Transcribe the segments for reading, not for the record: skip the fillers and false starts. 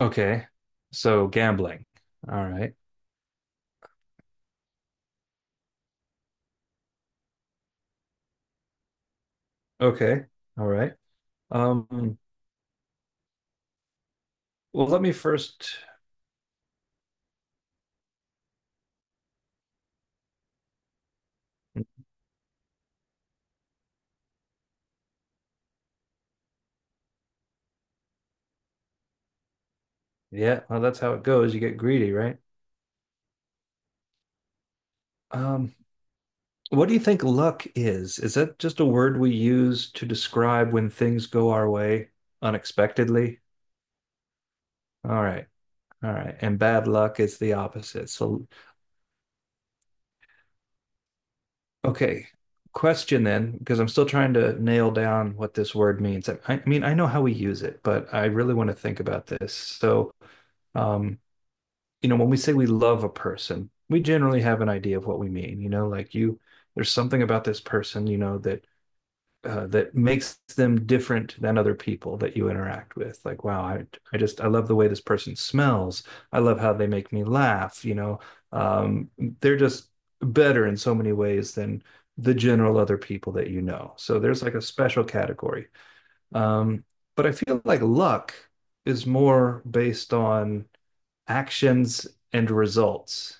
Okay. So gambling. All right. Okay. All right. Um, well, let me first. Yeah, well, that's how it goes. You get greedy, right? Um, what do you think luck is? Is that just a word we use to describe when things go our way unexpectedly? All right. All right. And bad luck is the opposite. So, okay. Question then, because I'm still trying to nail down what this word means. I mean, I know how we use it, but I really want to think about this. So, um, you know, when we say we love a person, we generally have an idea of what we mean. You know, like you, there's something about this person, you know, that that makes them different than other people that you interact with. Like, wow, I just I love the way this person smells. I love how they make me laugh. You know, um, they're just better in so many ways than the general other people that you know. So there's like a special category. Um, but I feel like luck is more based on actions and results.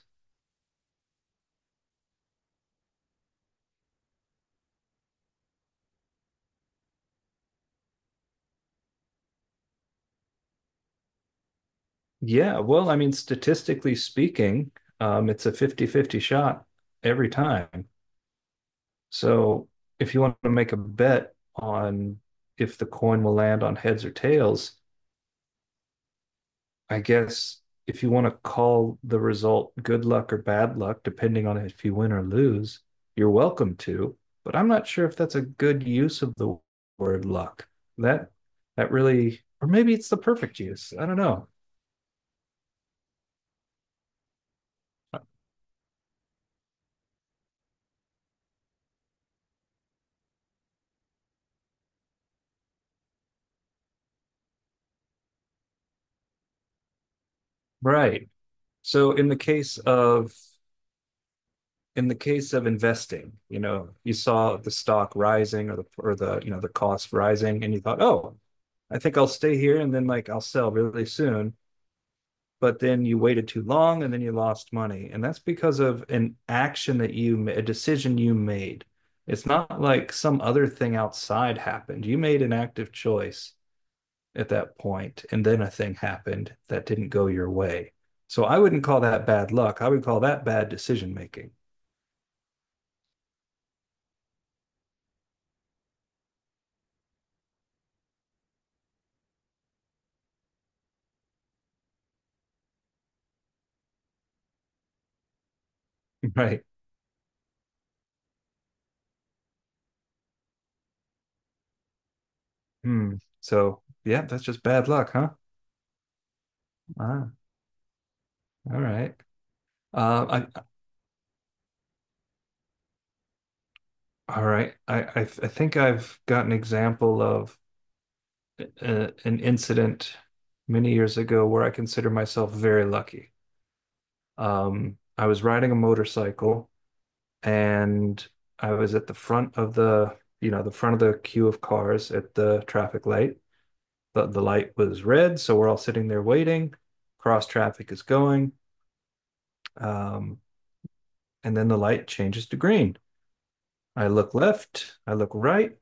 Yeah, well, I mean, statistically speaking, it's a 50-50 shot every time. So if you want to make a bet on if the coin will land on heads or tails, I guess if you want to call the result good luck or bad luck, depending on if you win or lose, you're welcome to. But I'm not sure if that's a good use of the word luck. That that really, or maybe it's the perfect use. I don't know. Right. So in the case of investing, you know, you saw the stock rising or the you know, the cost rising and you thought, "Oh, I think I'll stay here and then like I'll sell really soon." But then you waited too long and then you lost money. And that's because of an action that a decision you made. It's not like some other thing outside happened. You made an active choice at that point, and then a thing happened that didn't go your way. So I wouldn't call that bad luck. I would call that bad decision making. Right. Hmm. So yeah, that's just bad luck, huh? Ah, all right. Uh, I, all right. I think I've got an example of an incident many years ago where I consider myself very lucky. I was riding a motorcycle and I was at the front of the, you know, the front of the queue of cars at the traffic light. The light was red, so we're all sitting there waiting. Cross traffic is going, um, and then the light changes to green. I look left, I look right.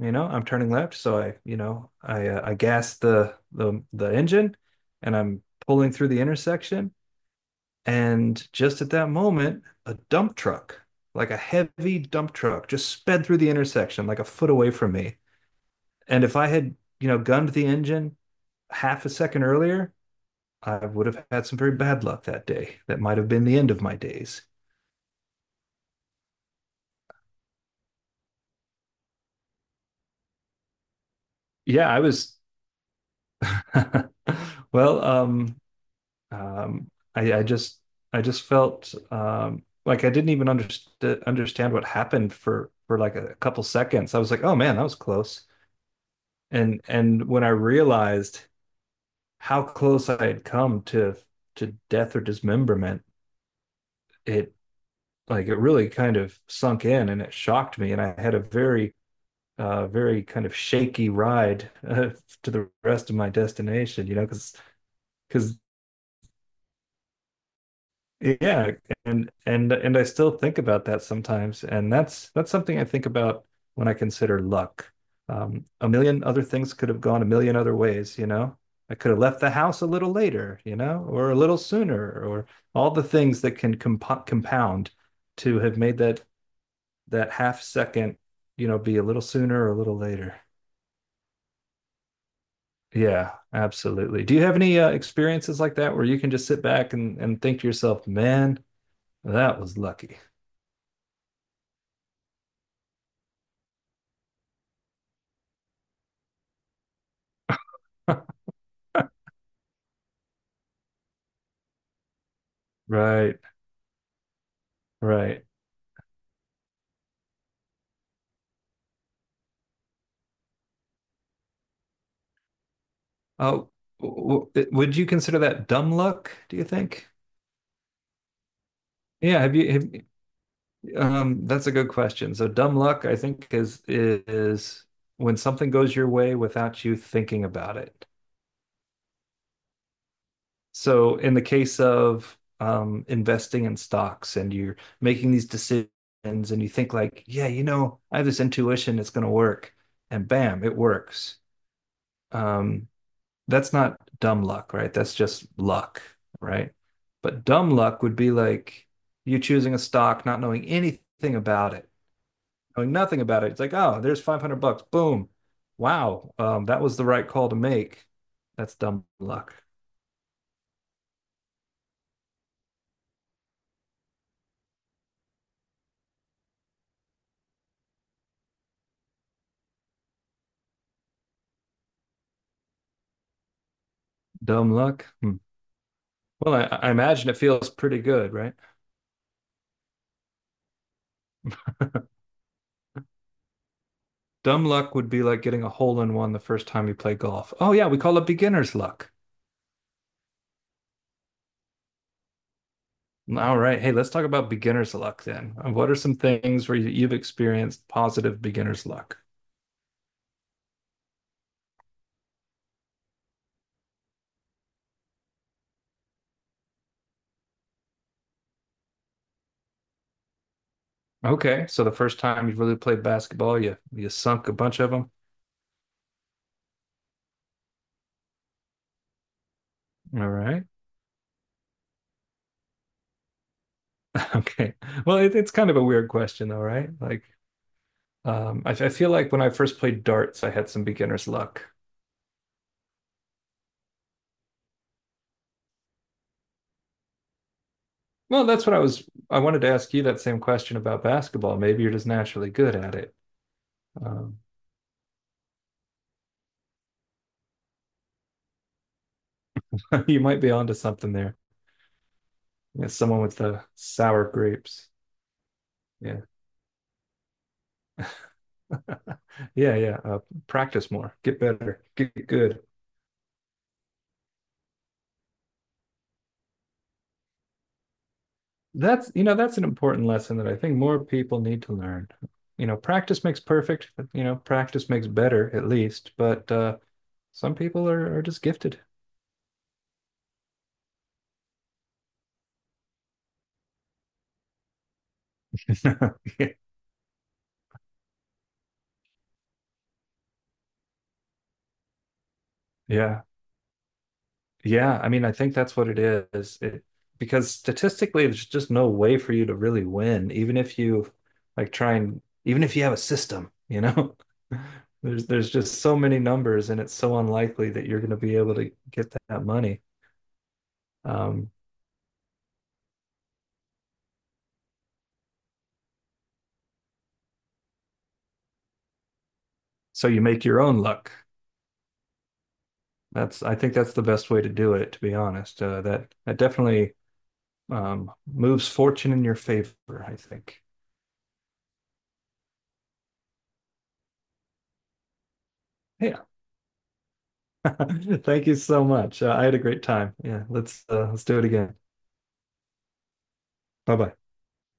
You know, I'm turning left, so I, you know, I gas the engine, and I'm pulling through the intersection. And just at that moment, a dump truck, like a heavy dump truck, just sped through the intersection like a foot away from me. And if I had, you know, gunned the engine half a second earlier, I would have had some very bad luck that day. That might have been the end of my days. Yeah, I was. well, um, um, I, I just, I just felt like I didn't even understand what happened for like a couple seconds. I was like, oh man, that was close. And when I realized how close I had come to death or dismemberment, it like it really kind of sunk in and it shocked me, and I had a very very kind of shaky ride to the rest of my destination, you know, because yeah. And I still think about that sometimes, and that's something I think about when I consider luck. A million other things could have gone a million other ways, you know. I could have left the house a little later, you know, or a little sooner, or all the things that can compound to have made that half second, you know, be a little sooner or a little later. Yeah, absolutely. Do you have any experiences like that where you can just sit back and think to yourself, "Man, that was lucky." Right, right. Oh, would you consider that dumb luck, do you think? Yeah, have you have that's a good question. So dumb luck, I think is when something goes your way without you thinking about it. So in the case of investing in stocks and you're making these decisions and you think like, yeah, you know, I have this intuition it's going to work and bam, it works. Um that's not dumb luck, right? That's just luck, right? But dumb luck would be like you choosing a stock, not knowing anything about it, knowing nothing about it. It's like, oh, there's 500 bucks. Boom. Wow. That was the right call to make. That's dumb luck. Dumb luck. Hmm. Well, I imagine it feels pretty good, right? Dumb luck would be like getting a hole in one the first time you play golf. Oh, yeah, we call it beginner's luck. All right. Hey, let's talk about beginner's luck then. What are some things where you've experienced positive beginner's luck? Okay, so the first time you really played basketball, you sunk a bunch of them. All right. Okay. Well, it's kind of a weird question though, right? Like, I feel like when I first played darts, I had some beginner's luck. Well, that's what I was. I wanted to ask you that same question about basketball. Maybe you're just naturally good at it. Um, you might be onto something there. Yeah, someone with the sour grapes. Yeah. Yeah, yeah. Practice more, get better, get good. That's, you know, that's an important lesson that I think more people need to learn. You know, practice makes perfect, but, you know, practice makes better at least, but some people are just gifted. Yeah. Yeah, I mean, I think that's what it is. It because statistically, there's just no way for you to really win, even if you like try and even if you have a system, you know. There's just so many numbers, and it's so unlikely that you're going to be able to get that money. Um, so you make your own luck. That's I think that's the best way to do it, to be honest. That that definitely moves fortune in your favor, I think. Yeah. Thank you so much. I had a great time. Yeah, let's do it again. Bye bye.